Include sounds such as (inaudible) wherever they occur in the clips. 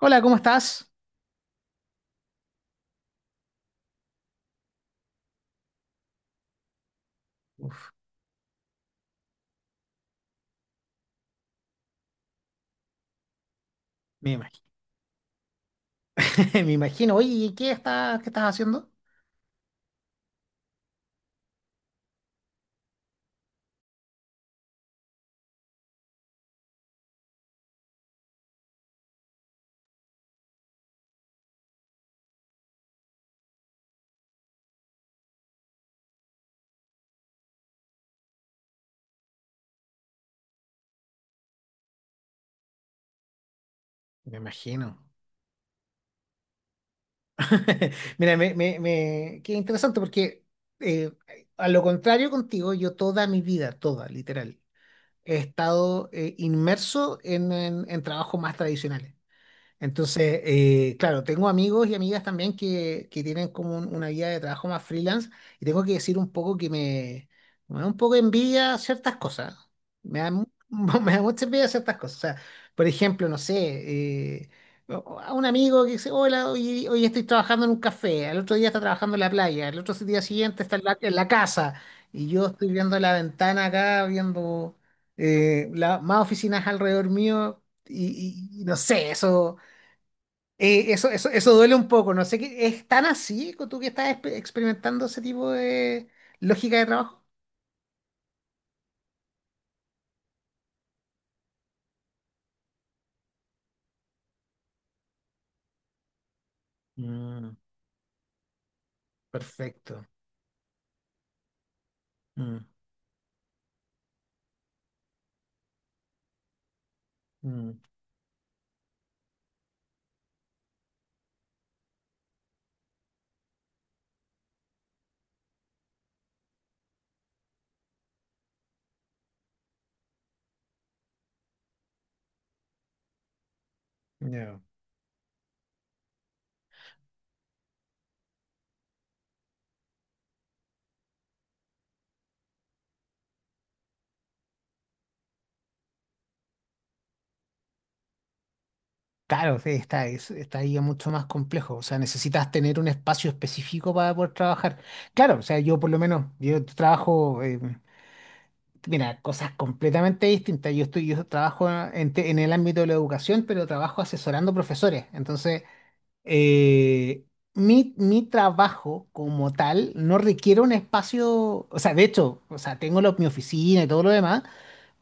Hola, ¿cómo estás? Uf, me imagino. (laughs) Me imagino. Oye, ¿qué estás haciendo? Me imagino. (laughs) Mira, qué interesante porque eh, a lo contrario contigo, yo toda mi vida, toda, literal, he estado inmerso en trabajos más tradicionales. Entonces, claro, tengo amigos y amigas también que tienen como una vida de trabajo más freelance y tengo que decir un poco que me da un poco de envidia ciertas cosas. Me da, mu- (laughs) me da mucha envidia ciertas cosas. O sea, por ejemplo, no sé, eh, a un amigo que dice, hola, hoy estoy trabajando en un café, al otro día está trabajando en la playa, al otro día siguiente está en la casa y yo estoy viendo la ventana acá, viendo más oficinas alrededor mío y no sé, eso. Eso duele un poco, no sé qué. ¿Es tan así tú que estás experimentando ese tipo de lógica de trabajo? Mm, perfecto. Mm. Mm. Ya. Claro, sí, está ahí mucho más complejo, o sea, necesitas tener un espacio específico para poder trabajar. Claro, o sea, yo por lo menos, mira, cosas completamente distintas, yo trabajo en el ámbito de la educación, pero trabajo asesorando profesores, entonces eh, mi trabajo como tal no requiere un espacio, o sea, de hecho, o sea, tengo mi oficina y todo lo demás,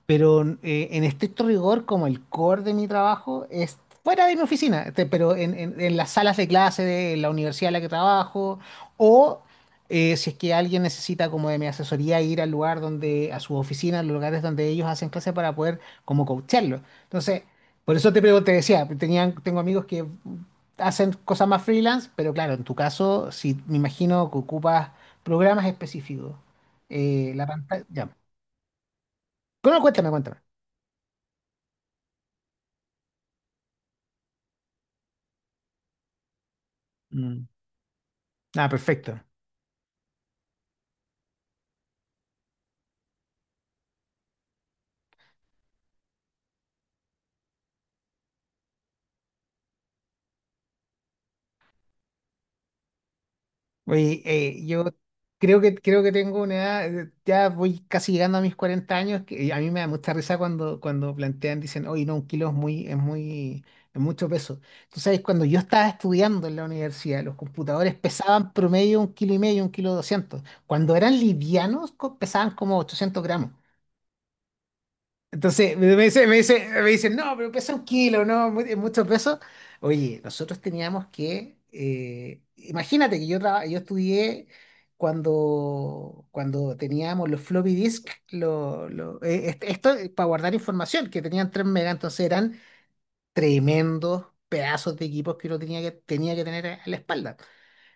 pero en estricto rigor, como el core de mi trabajo es fuera de mi oficina, este, pero en las salas de clase de la universidad en la que trabajo, o si es que alguien necesita como de mi asesoría ir al lugar donde, a sus oficinas, a los lugares donde ellos hacen clase para poder como coacharlo. Entonces, por eso te pregunto, te decía, tengo amigos que hacen cosas más freelance, pero claro, en tu caso, si me imagino que ocupas programas específicos, la pantalla, ya. Bueno, cuéntame. Ah, perfecto. Oye, yo creo que tengo una edad, ya voy casi llegando a mis 40 años, que a mí me da mucha risa cuando plantean, dicen, oye, no, un kilo es es mucho peso. Tú sabes, cuando yo estaba estudiando en la universidad, los computadores pesaban promedio un kilo y medio, un kilo doscientos. Cuando eran livianos, pesaban como 800 gramos. Entonces me dicen, no, pero pesa un kilo, no, es mucho peso. Oye, nosotros teníamos imagínate que yo estudié cuando teníamos los floppy disk, esto para guardar información, que tenían 3 megas, entonces eran tremendos pedazos de equipos que uno tenía que tener a la espalda.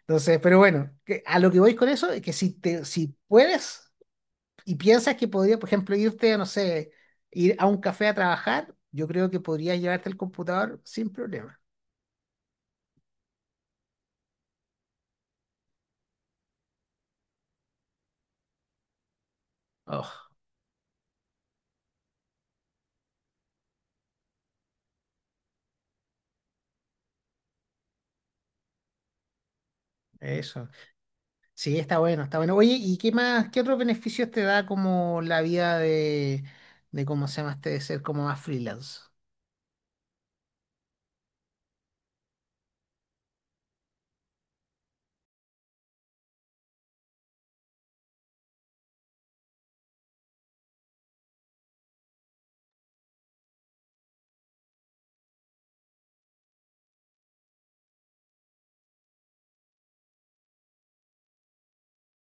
Entonces, pero bueno, a lo que voy con eso es que si puedes y piensas que podría, por ejemplo, irte, no sé, ir a un café a trabajar, yo creo que podrías llevarte el computador sin problema. Oh, eso. Sí, está bueno, está bueno. Oye, ¿y qué más, qué otros beneficios te da como la vida de cómo se llama este, de ser como más freelance?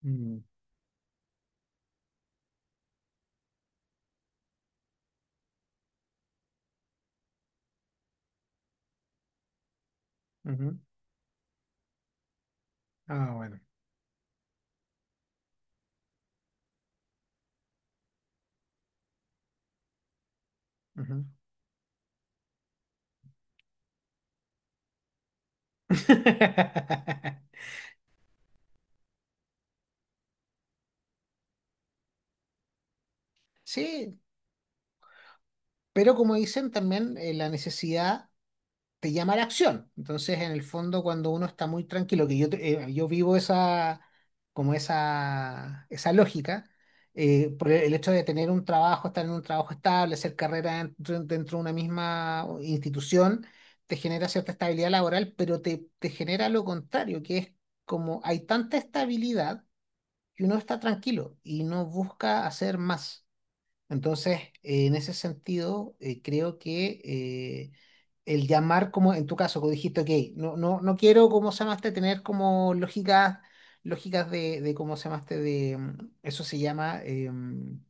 Mm. Ujú. Ah, bueno. Ujú. (laughs) Sí, pero como dicen también, la necesidad te llama a la acción. Entonces, en el fondo, cuando uno está muy tranquilo, yo vivo esa, como esa lógica, por el hecho de tener un trabajo, estar en un trabajo estable, hacer carrera dentro de una misma institución, te genera cierta estabilidad laboral, pero te genera lo contrario, que es como hay tanta estabilidad que uno está tranquilo y no busca hacer más. Entonces, en ese sentido, creo que el llamar, como en tu caso, como dijiste, ok, no, no, no quiero, como se llamaste, tener como lógicas de cómo se llamaste, eso se llama em,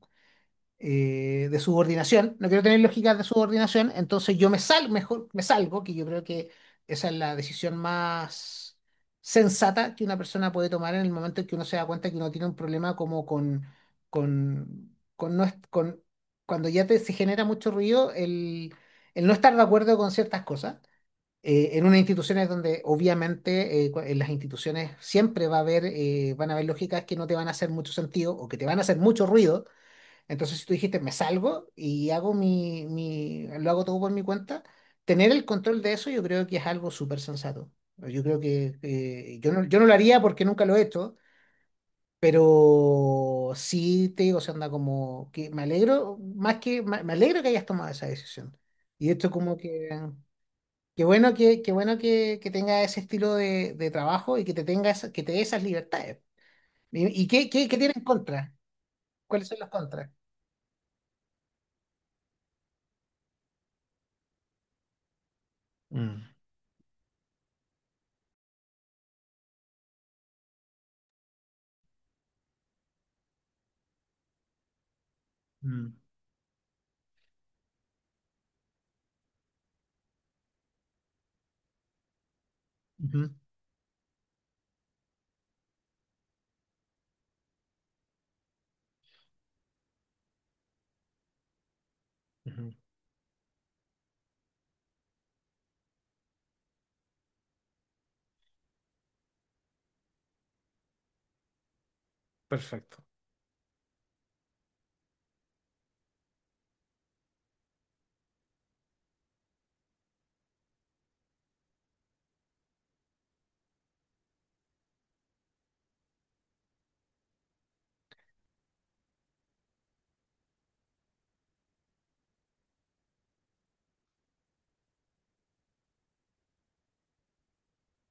eh, de subordinación, no quiero tener lógicas de subordinación, entonces mejor me salgo, que yo creo que esa es la decisión más sensata que una persona puede tomar en el momento en que uno se da cuenta que uno tiene un problema como con, no es- con- cuando ya se genera mucho ruido, el no estar de acuerdo con ciertas cosas. En unas instituciones donde obviamente en las instituciones siempre van a haber lógicas que no te van a hacer mucho sentido o que te van a hacer mucho ruido, entonces, si tú dijiste, me salgo y hago lo hago todo por mi cuenta, tener el control de eso yo creo que es algo súper sensato. Yo creo que yo no lo haría porque nunca lo he hecho, pero sí te digo, se anda como que me alegro, más que me alegro que hayas tomado esa decisión. Y esto como que qué bueno que tenga ese estilo de trabajo y que te que te dé esas libertades. ¿Y qué tiene en contra? ¿Cuáles son los contras? Mm. Mm. Ujú. Ujú. Perfecto.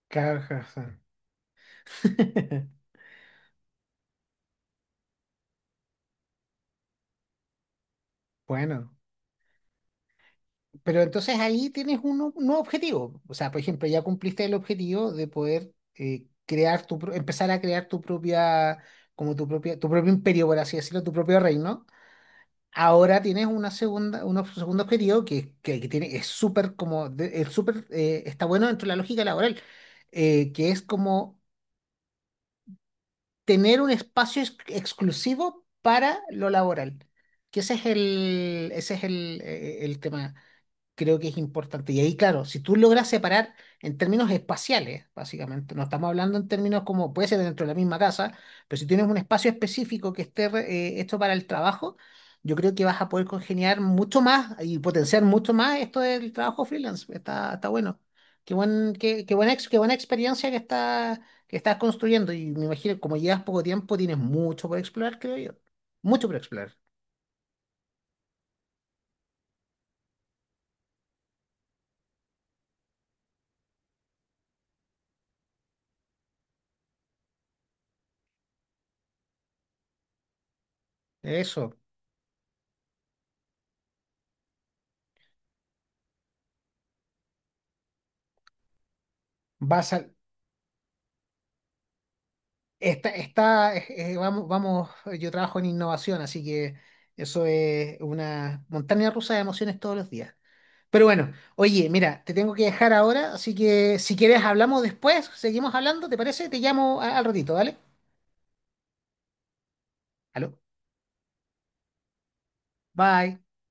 Caja. (laughs) Bueno, pero entonces ahí tienes un nuevo objetivo. O sea, por ejemplo, ya cumpliste el objetivo de poder empezar a crear tu propia, como tu propio imperio, por así decirlo, tu propio reino. Ahora tienes una segunda, un ob- segundo objetivo es súper como, es súper, está bueno dentro de la lógica laboral, que es como tener un espacio exclusivo para lo laboral. Que ese es el tema creo que es importante. Y ahí, claro, si tú logras separar en términos espaciales, básicamente, no estamos hablando en términos como puede ser dentro de la misma casa, pero si tienes un espacio específico que esté hecho para el trabajo, yo creo que vas a poder congeniar mucho más y potenciar mucho más esto del trabajo freelance. Está bueno. Qué buen, qué, qué buena, ex- qué buena experiencia que estás construyendo. Y me imagino, como llevas poco tiempo, tienes mucho por explorar, creo yo. Mucho por explorar. Eso. Vas a, Está, está, eh, vamos, vamos, yo trabajo en innovación, así que eso es una montaña rusa de emociones todos los días. Pero bueno, oye, mira, te tengo que dejar ahora, así que si quieres hablamos después, seguimos hablando, ¿te parece? Te llamo al ratito, ¿vale? Aló, bye.